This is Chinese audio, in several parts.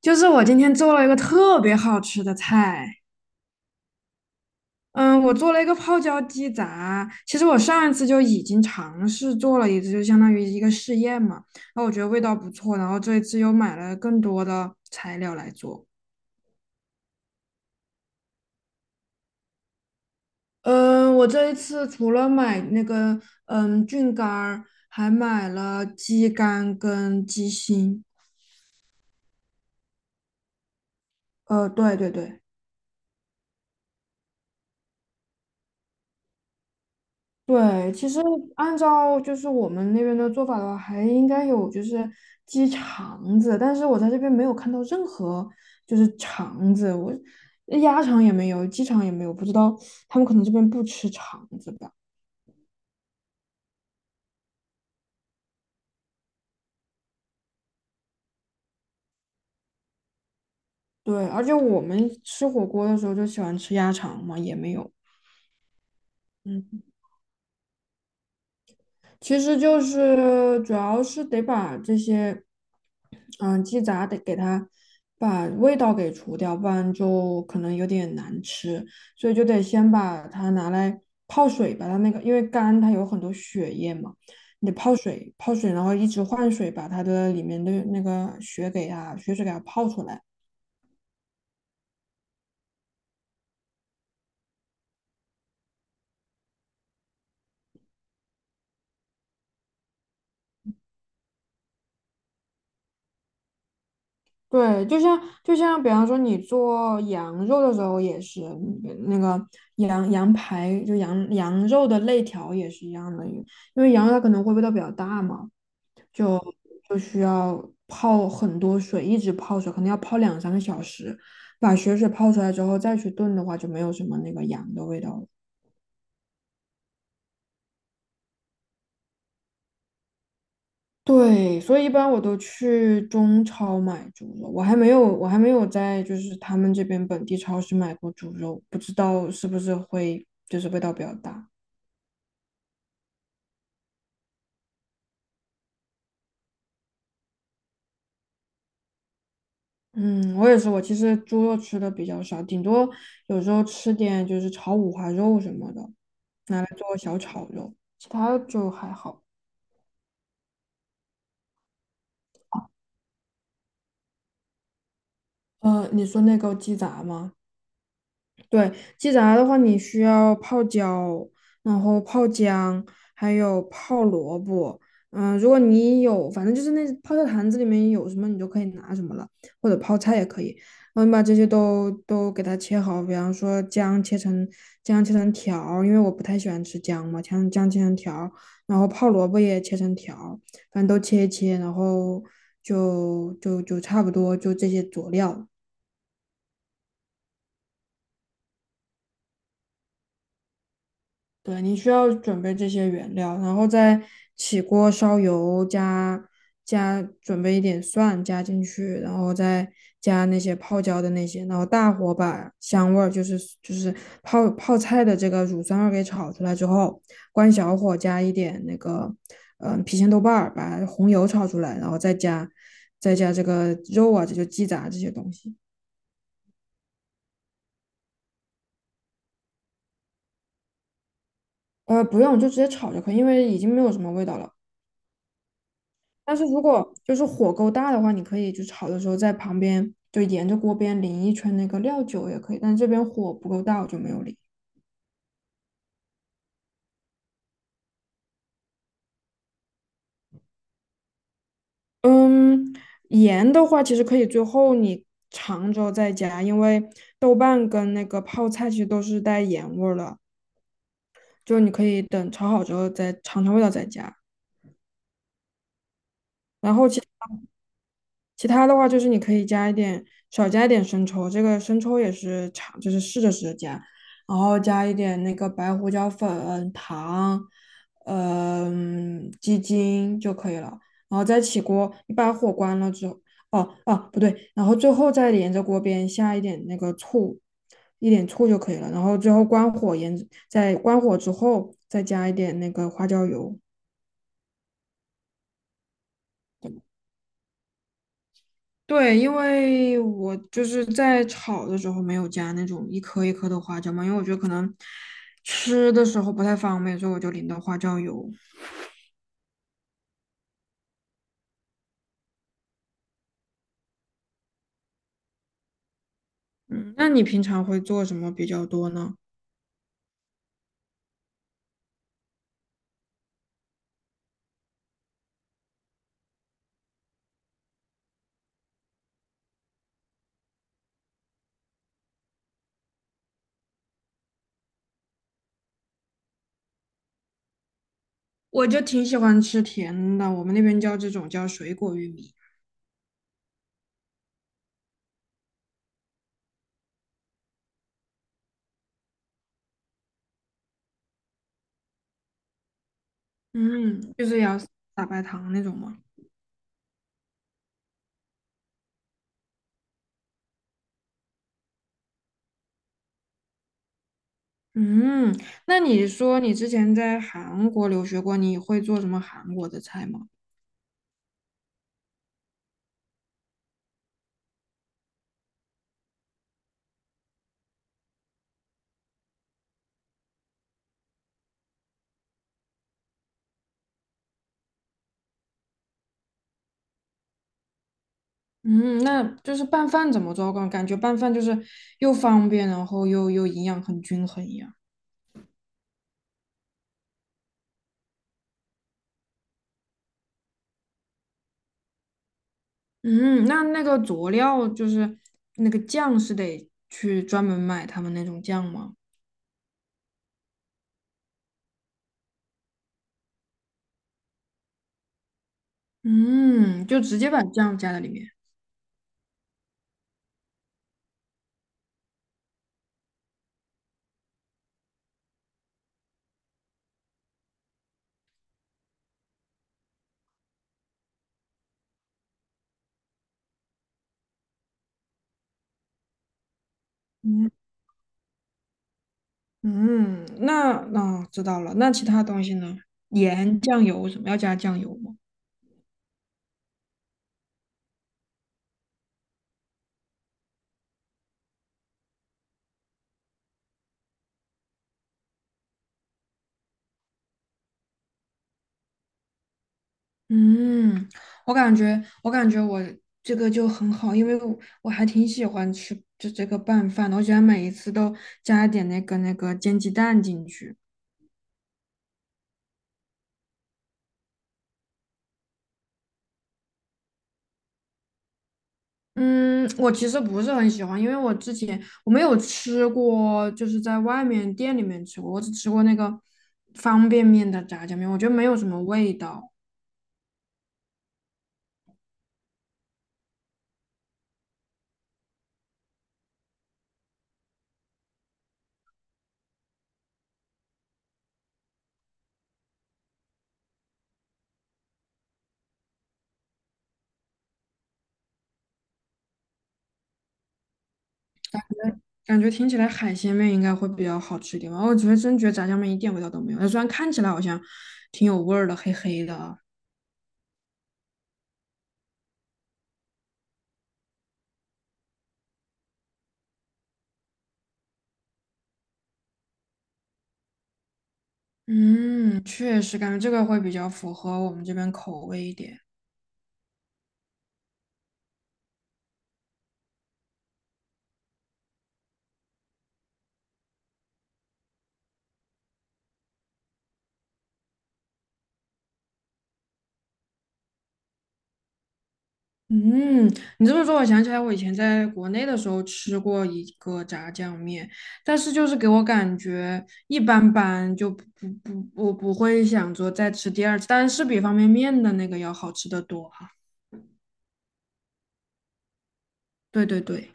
就是我今天做了一个特别好吃的菜，嗯，我做了一个泡椒鸡杂。其实我上一次就已经尝试做了一次，就相当于一个试验嘛。然后我觉得味道不错，然后这一次又买了更多的材料来做。嗯，我这一次除了买那个菌干儿，还买了鸡肝跟鸡心。对对对。对，其实按照就是我们那边的做法的话，还应该有就是鸡肠子，但是我在这边没有看到任何就是肠子，鸭肠也没有，鸡肠也没有，不知道他们可能这边不吃肠子吧？对，而且我们吃火锅的时候就喜欢吃鸭肠嘛，也没有。嗯。其实就是主要是得把这些，嗯，鸡杂得给它把味道给除掉，不然就可能有点难吃，所以就得先把它拿来泡水，把它那个因为肝它有很多血液嘛，你得泡水，泡水，然后一直换水，把它的里面的那个血给它血水给它泡出来。对，就像比方说你做羊肉的时候也是，嗯那个羊羊排就羊羊肉的肋条也是一样的，因为羊肉它可能会味道比较大嘛，就就需要泡很多水，一直泡水，可能要泡两三个小时，把血水泡出来之后再去炖的话，就没有什么那个羊的味道了。对，所以一般我都去中超买猪肉，我还没有在就是他们这边本地超市买过猪肉，不知道是不是会就是味道比较大。嗯，我也是，我其实猪肉吃的比较少，顶多有时候吃点就是炒五花肉什么的，拿来做小炒肉，其他就还好。你说那个鸡杂吗？对，鸡杂的话，你需要泡椒，然后泡姜，还有泡萝卜。嗯、如果你有，反正就是那泡菜坛子里面有什么，你就可以拿什么了，或者泡菜也可以。然后你把这些都给它切好，比方说姜切成条儿因为我不太喜欢吃姜嘛，姜切成条儿然后泡萝卜也切成条儿反正都切一切，然后就差不多就这些佐料。对，你需要准备这些原料，然后再起锅烧油，加准备一点蒜加进去，然后再加那些泡椒的那些，然后大火把香味儿，就是泡泡菜的这个乳酸味儿给炒出来之后，关小火加一点那个郫县豆瓣儿，把红油炒出来，然后再加这个肉啊，这就鸡杂这些东西。不用，就直接炒就可以，因为已经没有什么味道了。但是如果就是火够大的话，你可以就炒的时候在旁边就沿着锅边淋一圈那个料酒也可以，但这边火不够大，我就没有淋。嗯，盐的话其实可以最后你尝之后再加，因为豆瓣跟那个泡菜其实都是带盐味儿了，就你可以等炒好之后再尝尝味道再加。然后其他的话就是你可以加一点，少加一点生抽，这个生抽也是尝，就是试着加，然后加一点那个白胡椒粉、糖，嗯、鸡精就可以了。然后再起锅，你把火关了之后，哦哦不对，然后最后再沿着锅边下一点那个醋，一点醋就可以了。然后最后关火，沿着在关火之后再加一点那个花椒油。对，因为我就是在炒的时候没有加那种一颗一颗的花椒嘛，因为我觉得可能吃的时候不太方便，所以我就淋的花椒油。嗯，那你平常会做什么比较多呢？我就挺喜欢吃甜的，我们那边叫这种叫水果玉米，嗯，就是要撒白糖那种嘛。嗯，那你说你之前在韩国留学过，你会做什么韩国的菜吗？嗯，那就是拌饭怎么做？感觉拌饭就是又方便，然后又营养很均衡一样。嗯，那那个佐料就是那个酱是得去专门买他们那种酱吗？嗯，就直接把酱加在里面。嗯嗯，哦知道了。那其他东西呢？盐、酱油什么要加酱油吗？嗯，我感觉我这个就很好，因为我还挺喜欢吃就这个拌饭的，我喜欢每一次都加一点那个煎鸡蛋进去。嗯，我其实不是很喜欢，因为我之前我没有吃过，就是在外面店里面吃过，我只吃过那个方便面的炸酱面，我觉得没有什么味道，感觉听起来海鲜面应该会比较好吃一点吧。我觉得真觉得炸酱面一点味道都没有，虽然看起来好像挺有味儿的，黑黑的。嗯，确实感觉这个会比较符合我们这边口味一点。嗯，你这么说，我想起来我以前在国内的时候吃过一个炸酱面，但是就是给我感觉一般般，就不不不，我不会想说再吃第二次，但是比方便面的那个要好吃得多哈。对对对，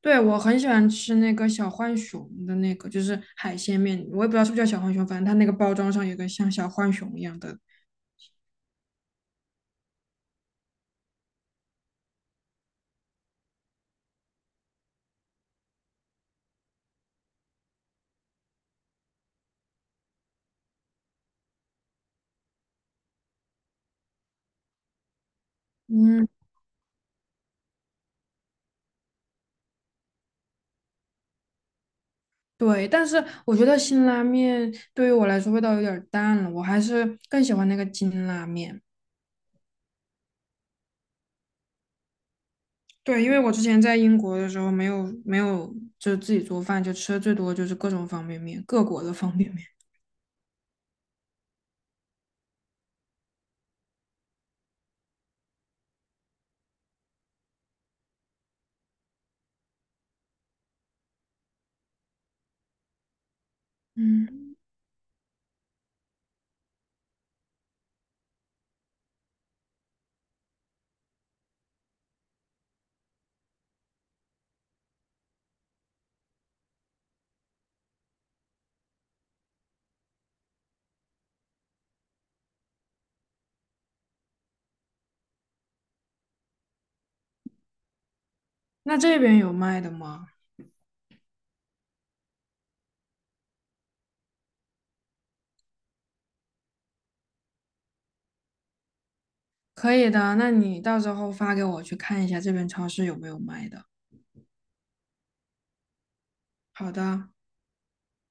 对我很喜欢吃那个小浣熊的那个，就是海鲜面，我也不知道是不是叫小浣熊，反正它那个包装上有个像小浣熊一样的。嗯。对，但是我觉得辛拉面对于我来说味道有点儿淡了，我还是更喜欢那个金拉面。对，因为我之前在英国的时候没有就自己做饭，就吃的最多就是各种方便面，各国的方便面。嗯，那这边有卖的吗？可以的，那你到时候发给我去看一下这边超市有没有卖的。好的。